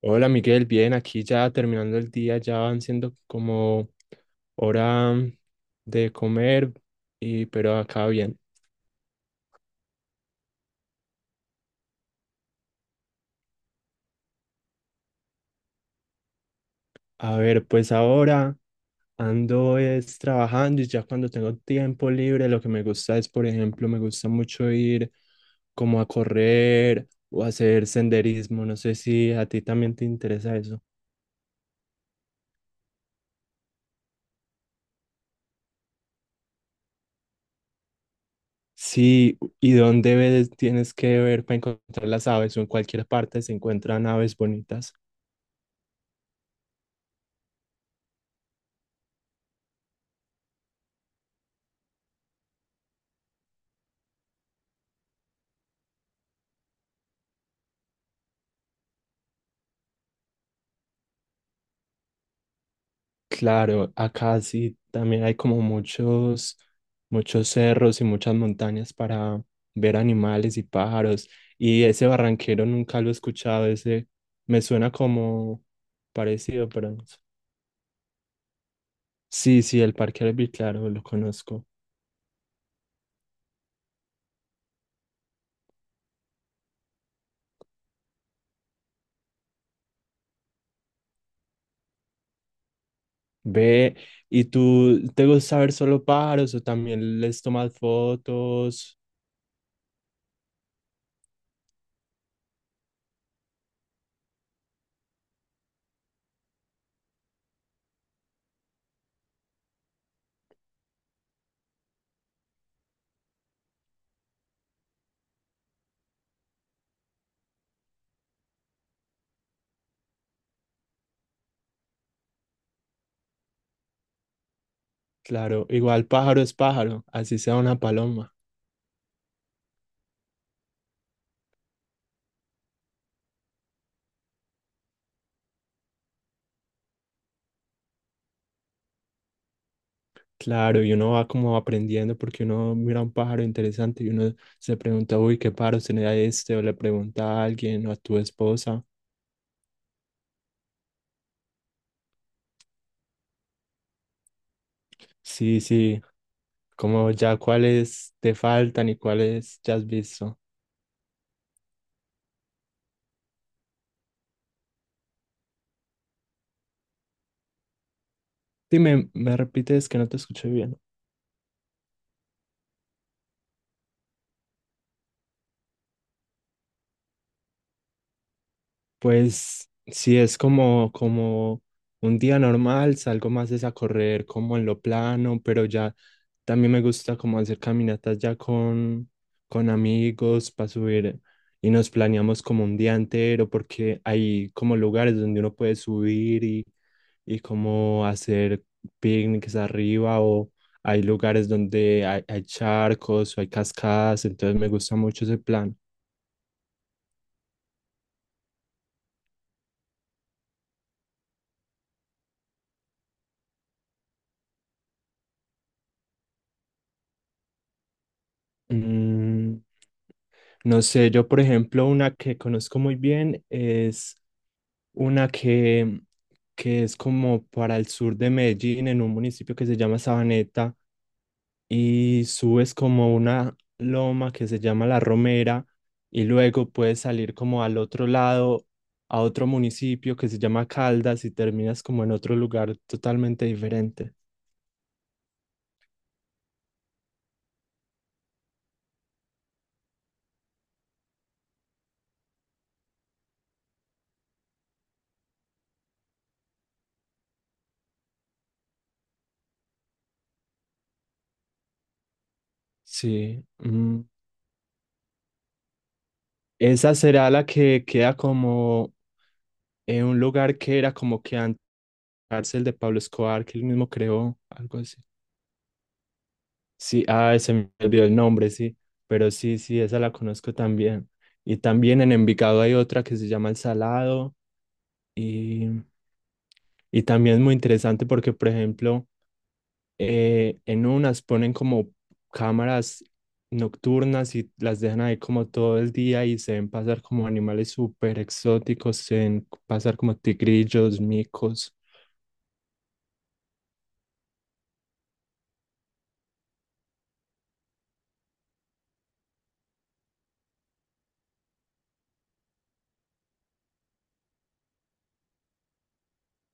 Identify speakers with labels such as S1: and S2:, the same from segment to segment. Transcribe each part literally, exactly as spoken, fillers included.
S1: Hola Miguel, bien, aquí ya terminando el día, ya van siendo como hora de comer, y, pero acá bien. A ver, pues ahora ando es trabajando y ya cuando tengo tiempo libre, lo que me gusta es, por ejemplo, me gusta mucho ir como a correr o hacer senderismo. No sé si a ti también te interesa eso. Sí, ¿y dónde ves, tienes que ver para encontrar las aves o en cualquier parte se encuentran aves bonitas? Claro, acá sí también hay como muchos, muchos cerros y muchas montañas para ver animales y pájaros. Y ese barranquero nunca lo he escuchado, ese me suena como parecido, pero no sé. Sí, sí, el Parque Arví, claro, lo conozco. Ve, ¿y tú te gusta ver solo pájaros o también les tomas fotos? Claro, igual pájaro es pájaro, así sea una paloma. Claro, y uno va como aprendiendo porque uno mira un pájaro interesante y uno se pregunta, uy, ¿qué pájaro será este? O le pregunta a alguien o a tu esposa. Sí, sí, como ya cuáles te faltan y cuáles ya has visto. Dime, me repites que no te escuché bien. Pues sí, es como, como un día normal, salgo más es a correr como en lo plano, pero ya también me gusta como hacer caminatas ya con, con amigos para subir y nos planeamos como un día entero porque hay como lugares donde uno puede subir y, y como hacer picnics arriba o hay lugares donde hay, hay charcos o hay cascadas, entonces me gusta mucho ese plan. Mm, no sé, yo por ejemplo una que conozco muy bien es una que, que es como para el sur de Medellín, en un municipio que se llama Sabaneta, y subes como una loma que se llama La Romera, y luego puedes salir como al otro lado, a otro municipio que se llama Caldas, y terminas como en otro lugar totalmente diferente. Sí, mm, esa será la que queda como en un lugar que era como que antes cárcel de Pablo Escobar, que él mismo creó, algo así. Sí, ah, se me olvidó el nombre, sí, pero sí, sí, esa la conozco también. Y también en Envigado hay otra que se llama El Salado y, y también es muy interesante porque, por ejemplo, eh, en unas ponen como cámaras nocturnas y las dejan ahí como todo el día y se ven pasar como animales súper exóticos, se ven pasar como tigrillos, micos.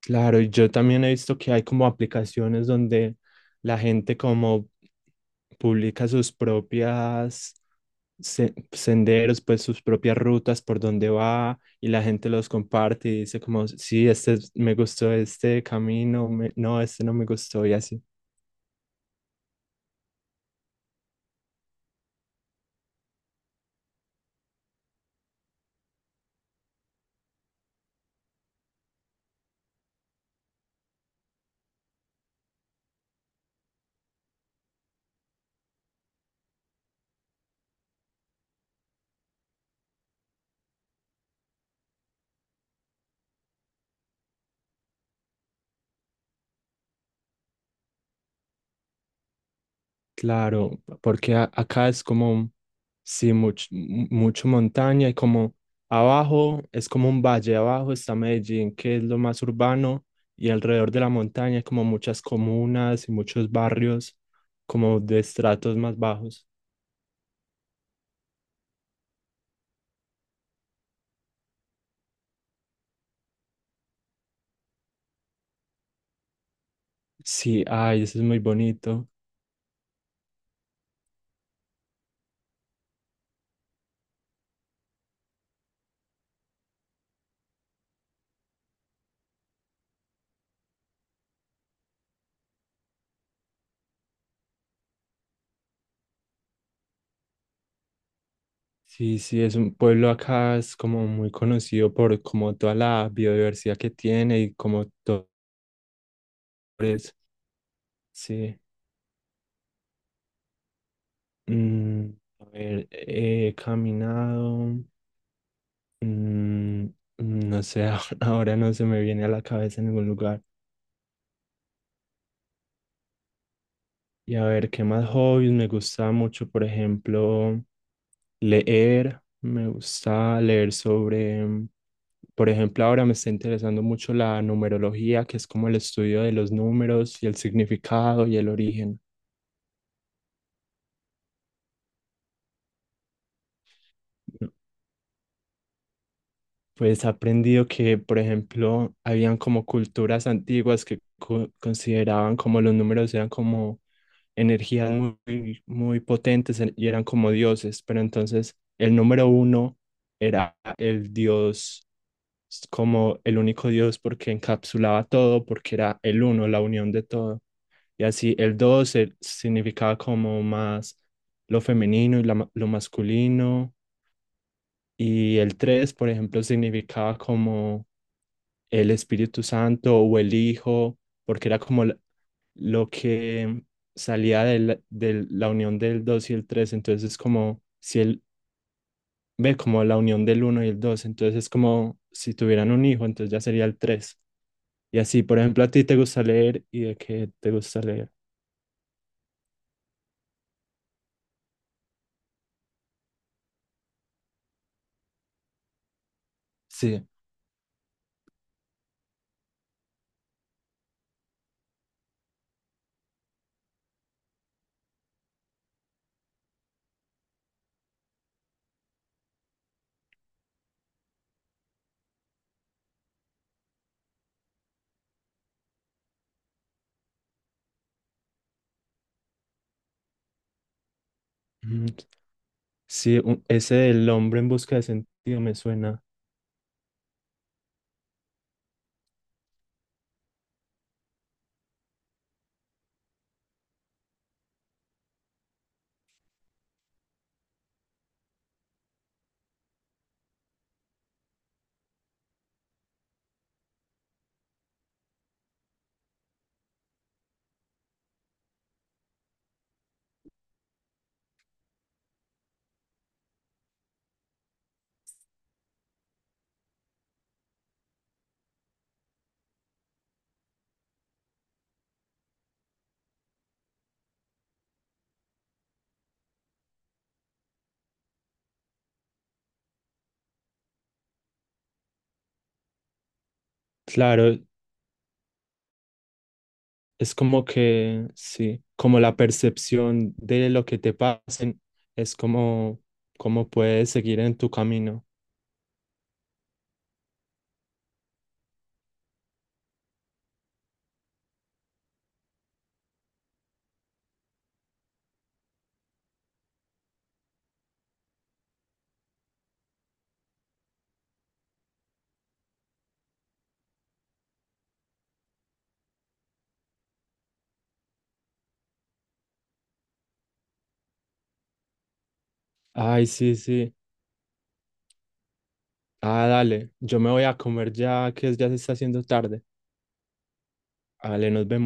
S1: Claro, y yo también he visto que hay como aplicaciones donde la gente como publica sus propias se- senderos, pues sus propias rutas por donde va y la gente los comparte y dice como, sí, este es- me gustó este camino, me- no, este no me gustó y así. Claro, porque a- acá es como, sí, much- mu- mucho montaña y como abajo es como un valle, abajo está Medellín, que es lo más urbano, y alrededor de la montaña hay como muchas comunas y muchos barrios como de estratos más bajos. Sí, ay, eso es muy bonito. Sí, sí, es un pueblo acá, es como muy conocido por como toda la biodiversidad que tiene y como todo eso. Sí. Mm, a ver, eh, he caminado, mm, mm, no sé, ahora ahora no se me viene a la cabeza en ningún lugar. Y a ver, ¿qué más hobbies? Me gusta mucho, por ejemplo, leer. Me gusta leer sobre, mm, por ejemplo, ahora me está interesando mucho la numerología, que es como el estudio de los números y el significado y el origen. Pues he aprendido que, por ejemplo, habían como culturas antiguas que co- consideraban como los números eran como energías muy, muy potentes y eran como dioses, pero entonces el número uno era el dios, como el único dios porque encapsulaba todo, porque era el uno, la unión de todo. Y así el dos el- significaba como más lo femenino y la ma- lo masculino. Y el tres, por ejemplo, significaba como el Espíritu Santo o el Hijo, porque era como lo que salía de la, de la unión del dos y el tres, entonces es como si él ve como la unión del uno y el dos, entonces es como si tuvieran un hijo, entonces ya sería el tres. Y así, por ejemplo, a ti te gusta leer y de qué te gusta leer. Sí. Mm, sí, u- ese del hombre en busca de sentido me suena. Claro, es como que, sí, como la percepción de lo que te pasen es como, como puedes seguir en tu camino. Ay, sí, sí. Ah, dale, yo me voy a comer ya que ya se está haciendo tarde. Dale, nos vemos.